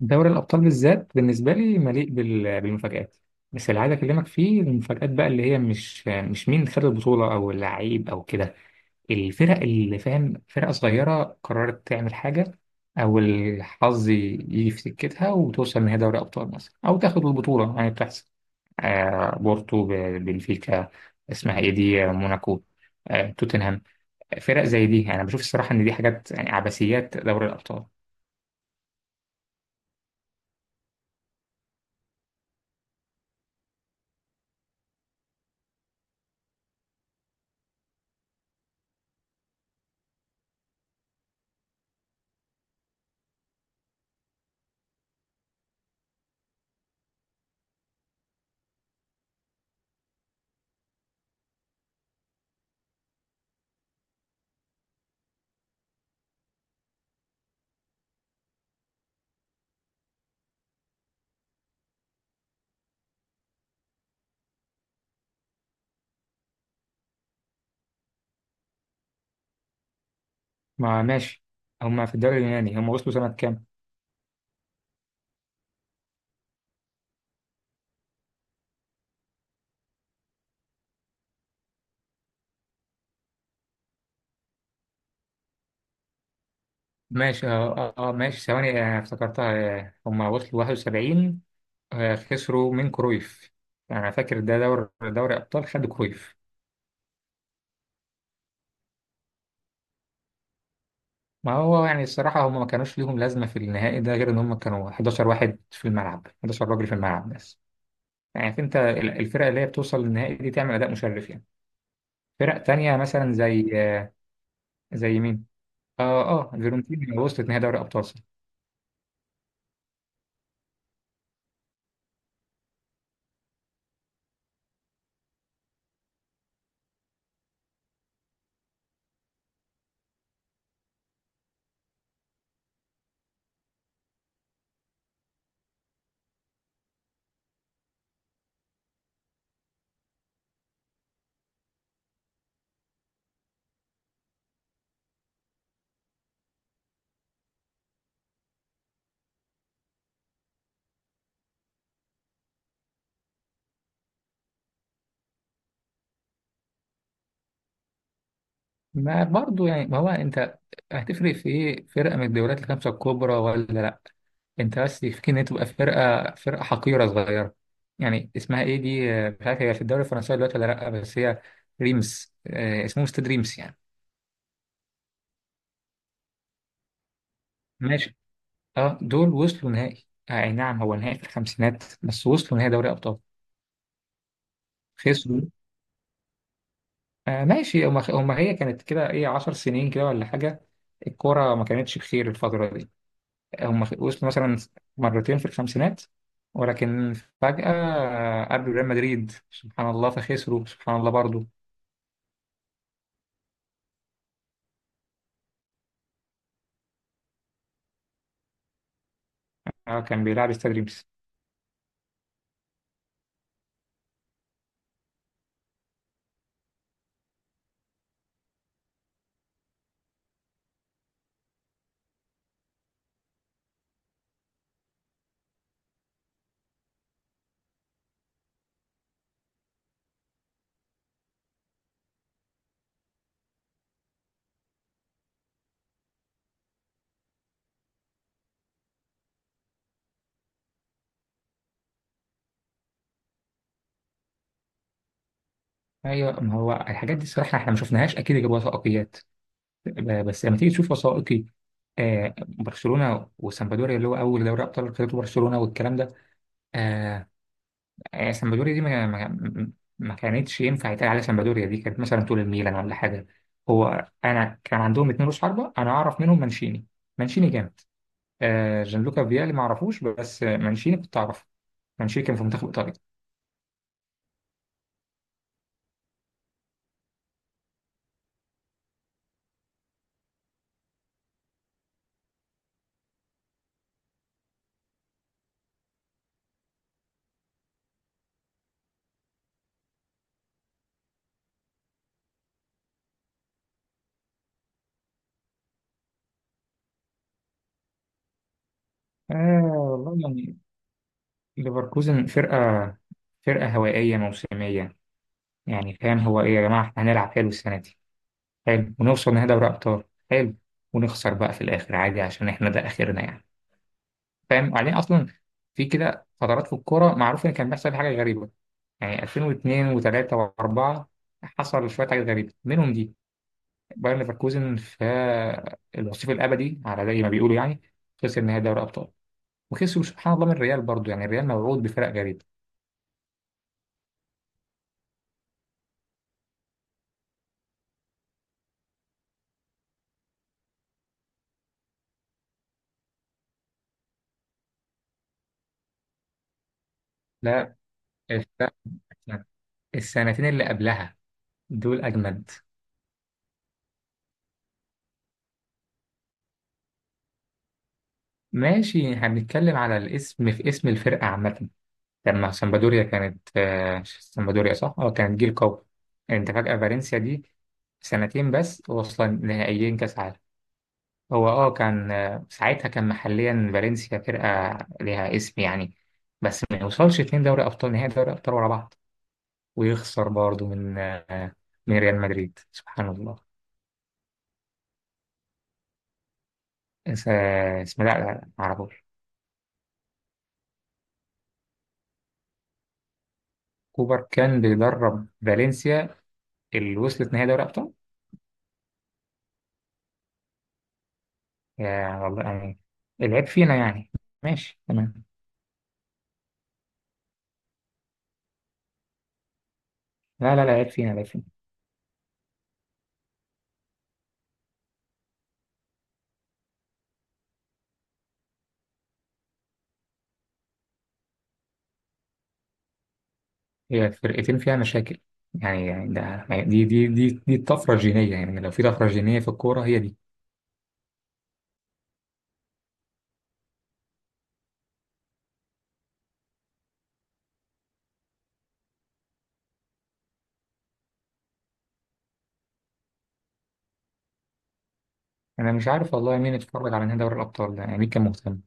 دوري الأبطال بالذات بالنسبة لي مليء بالمفاجآت. بس اللي عايز أكلمك فيه المفاجآت بقى اللي هي مش مين خد البطولة أو اللعيب أو كده. الفرق اللي فاهم، فرقة صغيرة قررت تعمل حاجة أو الحظ يجي في سكتها وتوصل نهائي دوري أبطال مثلا أو تاخد البطولة، يعني بتحصل. بورتو، بنفيكا، اسمها إيه دي؟ موناكو، توتنهام. فرق زي دي، يعني أنا بشوف الصراحة إن دي حاجات يعني عبثيات دوري الأبطال. ما ماشي. هما في الدوري اليوناني هما وصلوا سنة كام؟ ماشي، ماشي، ثواني، افتكرتها. هما وصلوا 71، خسروا من كرويف. أنا فاكر ده دوري أبطال خدوا كرويف. ما هو يعني الصراحة هما ما كانوش ليهم لازمة في النهائي ده غير إن هما كانوا 11 واحد في الملعب، 11 راجل في الملعب بس. يعني عارف أنت، الفرق اللي هي بتوصل للنهائي دي تعمل أداء مشرف يعني. فرق تانية مثلا زي زي مين؟ اه فيورنتينا وصلت نهائي دوري أبطال. ما برضه يعني، ما هو انت هتفرق في ايه فرقه من الدوريات الخمسه الكبرى ولا لا؟ انت بس يكفيك ان هي تبقى فرقه حقيره صغيره يعني. اسمها ايه دي؟ مش عارف هي في الدوري الفرنسي دلوقتي ولا لا، بس هي ريمس، اسمهم استاد ريمس يعني. ماشي. اه دول وصلوا نهائي، اي نعم، هو نهائي في الخمسينات بس وصلوا نهائي دوري ابطال. خسروا. آه ماشي، هما هي كانت كده ايه، 10 سنين كده ولا حاجه. الكوره ما كانتش بخير الفتره دي. هم وصلوا مثلا مرتين في الخمسينات، ولكن فجأة قابلوا ريال مدريد سبحان الله فخسروا سبحان الله برضه. كان بيلعب استاد ريمس. ايوه، ما هو الحاجات دي الصراحه احنا ما شفناش، اكيد جاب وثائقيات. بس لما تيجي تشوف وثائقي برشلونه وسامبدوريا، اللي هو اول دوري ابطال خدته برشلونه والكلام ده. آه سامبدوريا دي ما كانتش ينفع يتقال عليها. سامبدوريا دي كانت مثلا طول الميلان ولا حاجه. هو انا كان عندهم اتنين رؤوس حربه، انا اعرف منهم مانشيني. مانشيني جامد. جانلوكا فيالي ما اعرفوش، بس مانشيني كنت اعرفه. مانشيني كان في منتخب ايطاليا. آه والله يعني. ليفركوزن فرقه، فرقه هوائيه موسميه. يعني فاهم، هو ايه يا جماعه، احنا هنلعب حلو السنه دي، حلو، ونوصل نهائي دوري ابطال، حلو، ونخسر بقى في الاخر عادي عشان احنا ده اخرنا يعني. فاهم؟ وبعدين اصلا في كده فترات في الكوره معروف ان كان بيحصل حاجه غريبه. يعني 2002 و3 و4 حصل شويه حاجات غريبه منهم دي. بايرن ليفركوزن، في الوصيف الابدي على زي ما بيقولوا يعني، خسر نهائي دوري ابطال وخسروا سبحان الله من الريال برضو. يعني الريال موعود بفرق غريب. لا، الفرق السنتين اللي قبلها دول اجمد. ماشي، هنتكلم على الاسم، في اسم الفرقه عامه. لما سامبادوريا كانت سامبادوريا، صح، اه، كانت جيل قوي. يعني انت فجاه فالنسيا دي سنتين بس واصلا نهائيين كاس عالم. هو اه كان ساعتها كان محليا فالنسيا فرقة ليها اسم يعني، بس ما يوصلش اتنين دوري أبطال، نهائي دوري أبطال ورا بعض، ويخسر برضه من من ريال مدريد سبحان الله. اسمه، لا معرفوش. كوبر كان بيدرب فالنسيا اللي وصلت نهائي دوري أبطال. يا والله يعني. العيب فينا يعني. ماشي تمام. لا العيب فينا، العيب فينا. هي فرقتين فيها مشاكل. يعني يعني ده دي دي دي دي الطفرة الجينية. يعني لو في طفرة جينية في الكورة هي دي. انا مش عارف والله مين اتفرج على نهائي دوري الابطال ده، يعني مين كان مهتم.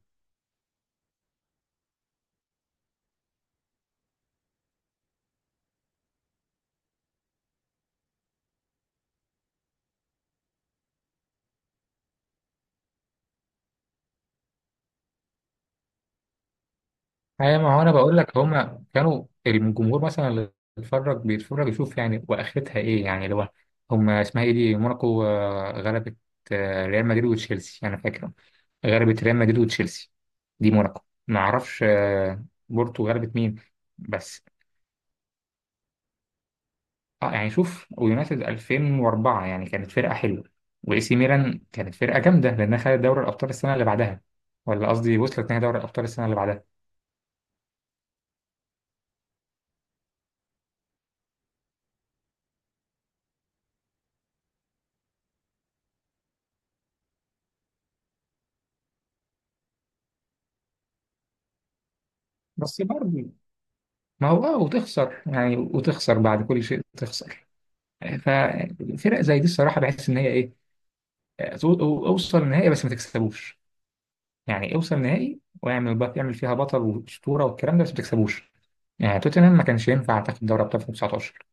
ايوه، ما هو انا بقول لك هما كانوا الجمهور مثلا اللي بيتفرج يشوف يعني، واخرتها ايه يعني؟ اللي هو هما اسمها ايه دي، موناكو، غلبت ريال مدريد وتشيلسي انا فاكر. غلبت ريال مدريد وتشيلسي، دي موناكو. ما اعرفش بورتو غلبت مين. بس اه، يعني شوف، ويونايتد 2004 يعني كانت فرقه حلوه، واي سي ميلان كانت فرقه جامده لانها خدت دوري الابطال السنه اللي بعدها، ولا قصدي وصلت نهائي دوري الابطال السنه اللي بعدها. بس برضه ما هو اه وتخسر، يعني وتخسر بعد كل شيء تخسر. ففرق زي دي الصراحه بحس ان هي ايه، اوصل النهائي بس ما تكسبوش. يعني اوصل نهائي واعمل يعمل فيها بطل واسطوره والكلام ده، بس ما تكسبوش. يعني توتنهام ما كانش ينفع تاخد دوري ابطال 2019.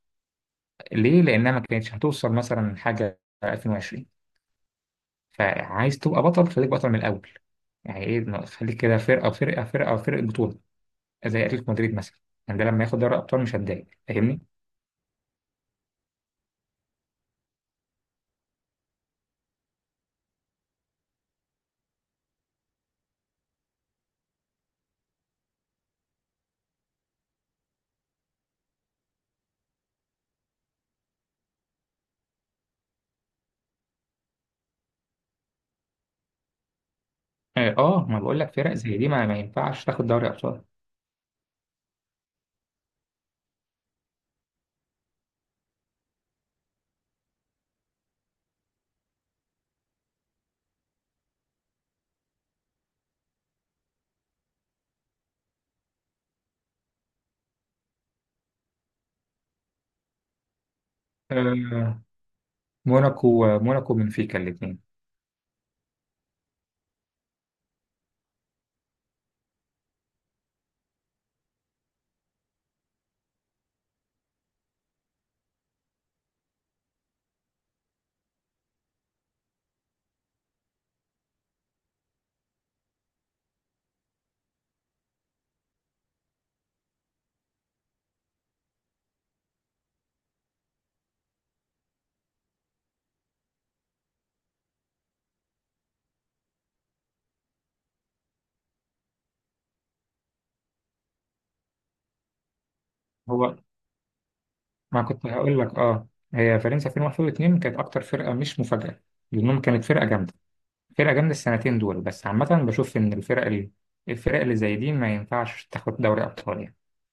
ليه؟ لانها ما كانتش هتوصل مثلا حاجه 2020. فعايز تبقى بطل، خليك بطل من الاول. يعني ايه إنه خليك كده فرقه بطوله، زي اتلتيكو مدريد مثلا. يعني ده لما ياخد دوري ابطال مش هتضايق، فاهمني؟ اه، ما بقول لك فرق زي دي ما ينفعش تاخد دوري ابطال. آه، موناكو وبنفيكا الاثنين. هو ما كنت هقول لك اه، هي فرنسا 2001 و2 كانت اكتر فرقه مش مفاجاه، لانهم كانت فرقه جامده، فرقه جامده السنتين دول. بس عامه بشوف ان الفرق اللي زي دي ما ينفعش تاخد دوري ابطال يعني.